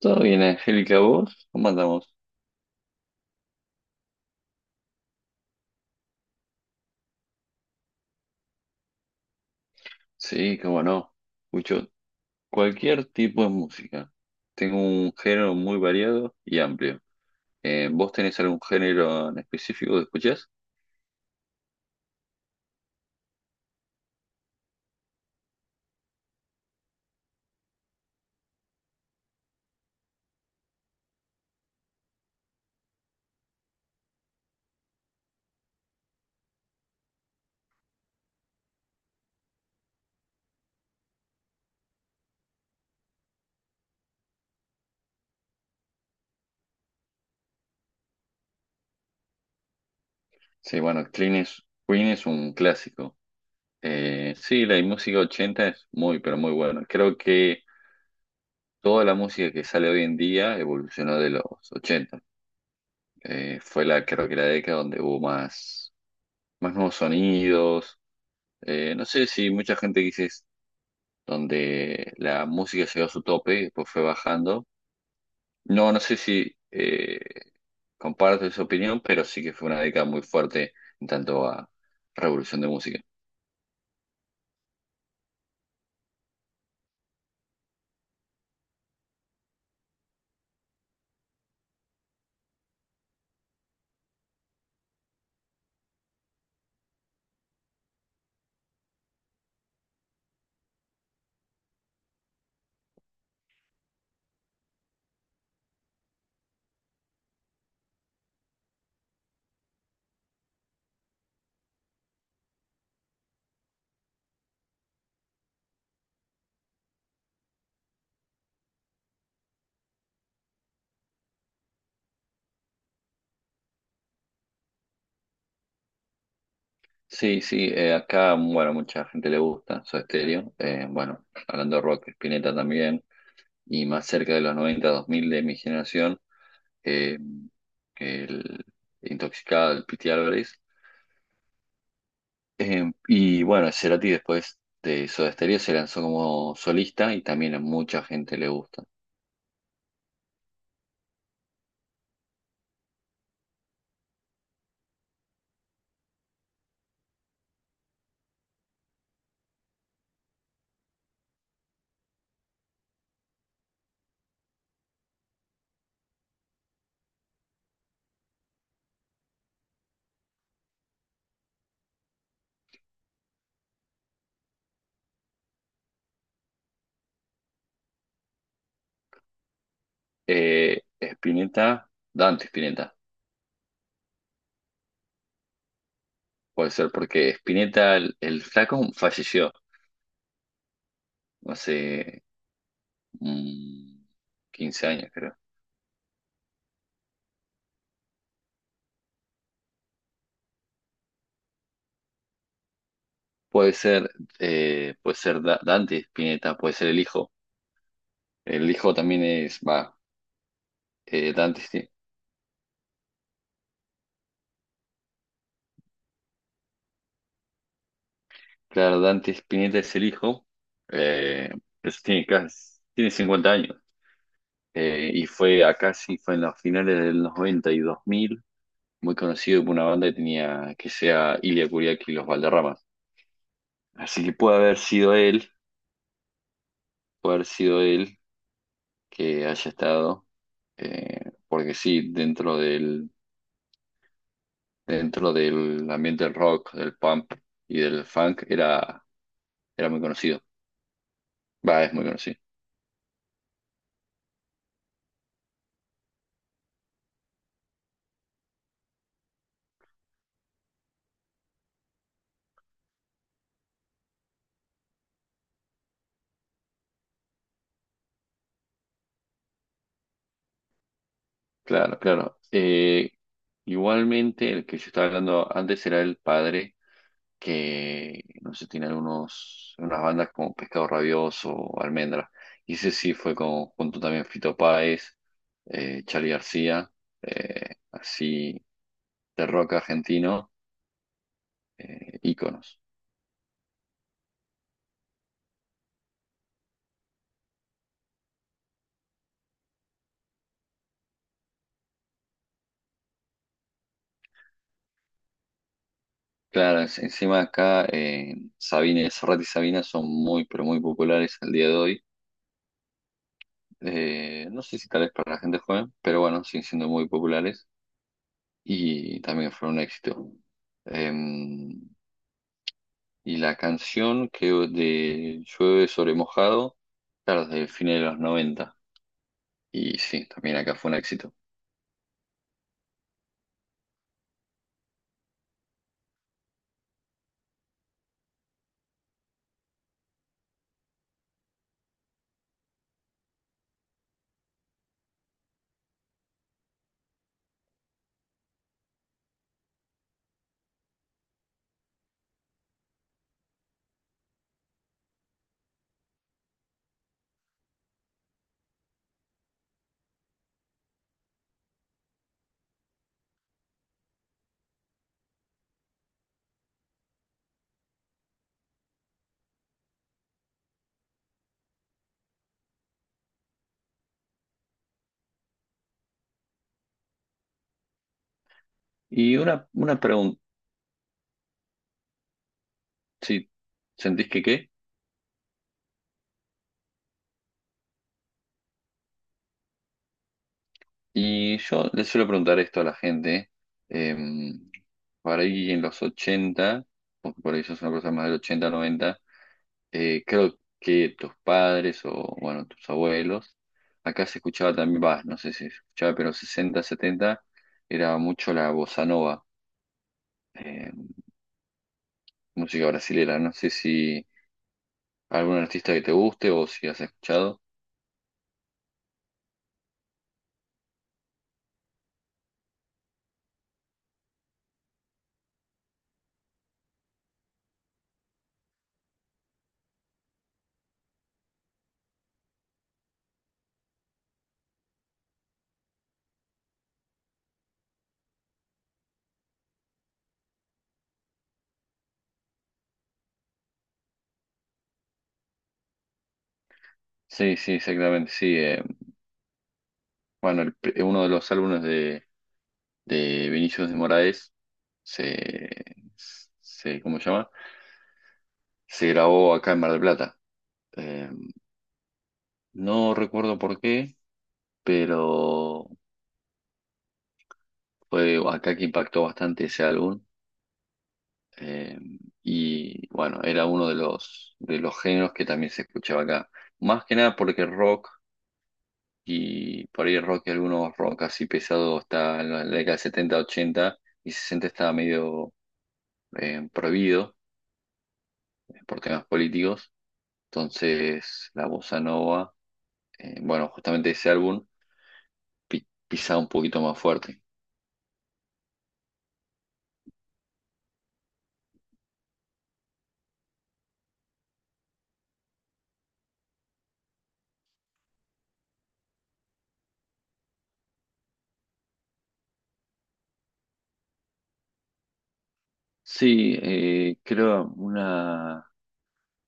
Todo bien, Angélica, ¿vos? ¿Cómo andamos? Sí, cómo no. Escucho cualquier tipo de música. Tengo un género muy variado y amplio. ¿Vos tenés algún género en específico que escuchás? Sí, bueno, Queen es un clásico. Sí, la música 80 es muy, pero muy buena. Creo que toda la música que sale hoy en día evolucionó de los 80. Fue la, creo que la década donde hubo más nuevos sonidos. No sé si mucha gente dice donde la música llegó a su tope y después fue bajando. No, no sé si comparto esa opinión, pero sí que fue una década muy fuerte en tanto a revolución de música. Sí, sí, acá, bueno, mucha gente le gusta Soda Stereo. Bueno, hablando de rock, Spinetta también. Y más cerca de los noventa dos mil de mi generación, eh, el Intoxicado, el Piti Álvarez. Y bueno, Cerati después de Soda Stereo se lanzó como solista y también a mucha gente le gusta. Spinetta, Dante Spinetta, puede ser porque Spinetta, el flaco, falleció hace mm, 15 años, creo. Puede ser, puede ser Dante Spinetta, puede ser el hijo. El hijo también es, va, eh, Dante, Spi- claro, Dante Spinetta es el hijo, eh, pero tiene tiene 50 años. Y fue acá, sí, fue en los finales del 90 y 2000 muy conocido por una banda que tenía que sea Ilia Kuriaki y los Valderramas. Así que puede haber sido él, puede haber sido él que haya estado, porque sí, dentro del ambiente del rock, del punk y del funk era muy conocido. Va, es muy conocido. Claro, claro. Igualmente, el que yo estaba hablando antes era el padre que no sé, tiene unas bandas como Pescado Rabioso o Almendra. Y ese sí fue junto también a Fito Páez, Charly García, así de rock argentino, íconos. Claro, encima acá Sabina, Serrat y Sabina son muy, pero muy populares al día de hoy. No sé si tal vez para la gente joven, pero bueno, siguen siendo muy populares y también fueron un éxito. Em, Y la canción que de Llueve sobre mojado, claro, desde fines de los noventa. Y sí, también acá fue un éxito. Y una pregunta, ¿si sentís que qué? Y yo le suelo preguntar esto a la gente, em, por ahí en los 80 porque por ahí eso es una cosa más del 80 90 creo que tus padres o, bueno, tus abuelos, acá se escuchaba también, bah, no sé si se escuchaba, pero 60 70 era mucho la bossa nova. Eh, Música brasilera. No sé si algún artista que te guste o si has escuchado. Sí, sí, exactamente, sí. Bueno, el uno de los álbumes de Vinicius de Moraes se, se, ¿cómo se llama? Se grabó acá en Mar del Plata. Eh, no recuerdo por qué, pero fue acá que impactó bastante ese álbum. Eh, y bueno, era uno de los géneros que también se escuchaba acá. Más que nada porque rock y por ahí rock, algunos rock así pesado está en la década de 70 80 y 60 estaba medio prohibido por temas políticos. Entonces la bossa nova, bueno, justamente ese álbum pisaba un poquito más fuerte. Sí, creo una,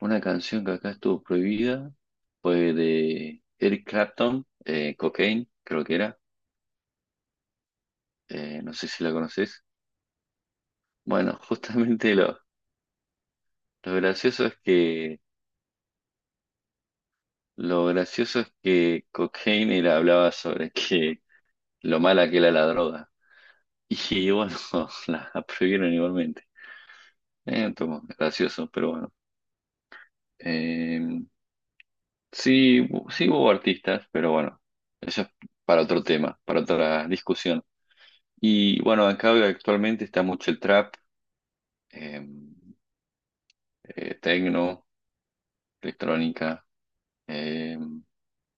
una canción que acá estuvo prohibida fue de Eric Clapton, Cocaine, creo que era. No sé si la conoces. Bueno, justamente lo gracioso es que Lo gracioso es que Cocaine le hablaba sobre que lo mala que era la droga. Y bueno, la prohibieron igualmente. Entonces, gracioso, pero bueno. Eh, sí, sí hubo artistas, pero bueno, eso es para otro tema, para otra discusión. Y bueno, acá actualmente está mucho el trap, eh, tecno, electrónica. eh,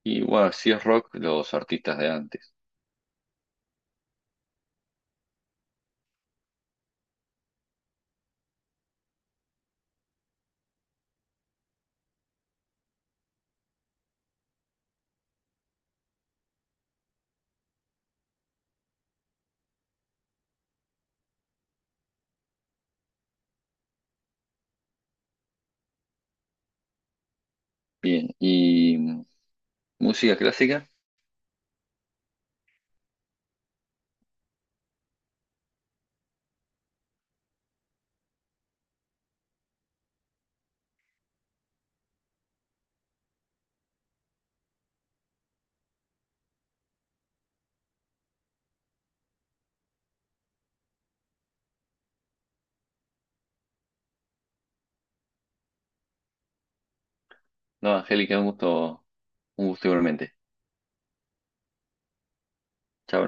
y bueno, si es rock, los artistas de antes. Bien, y música clásica. No, Angélica, un gusto igualmente. Chao.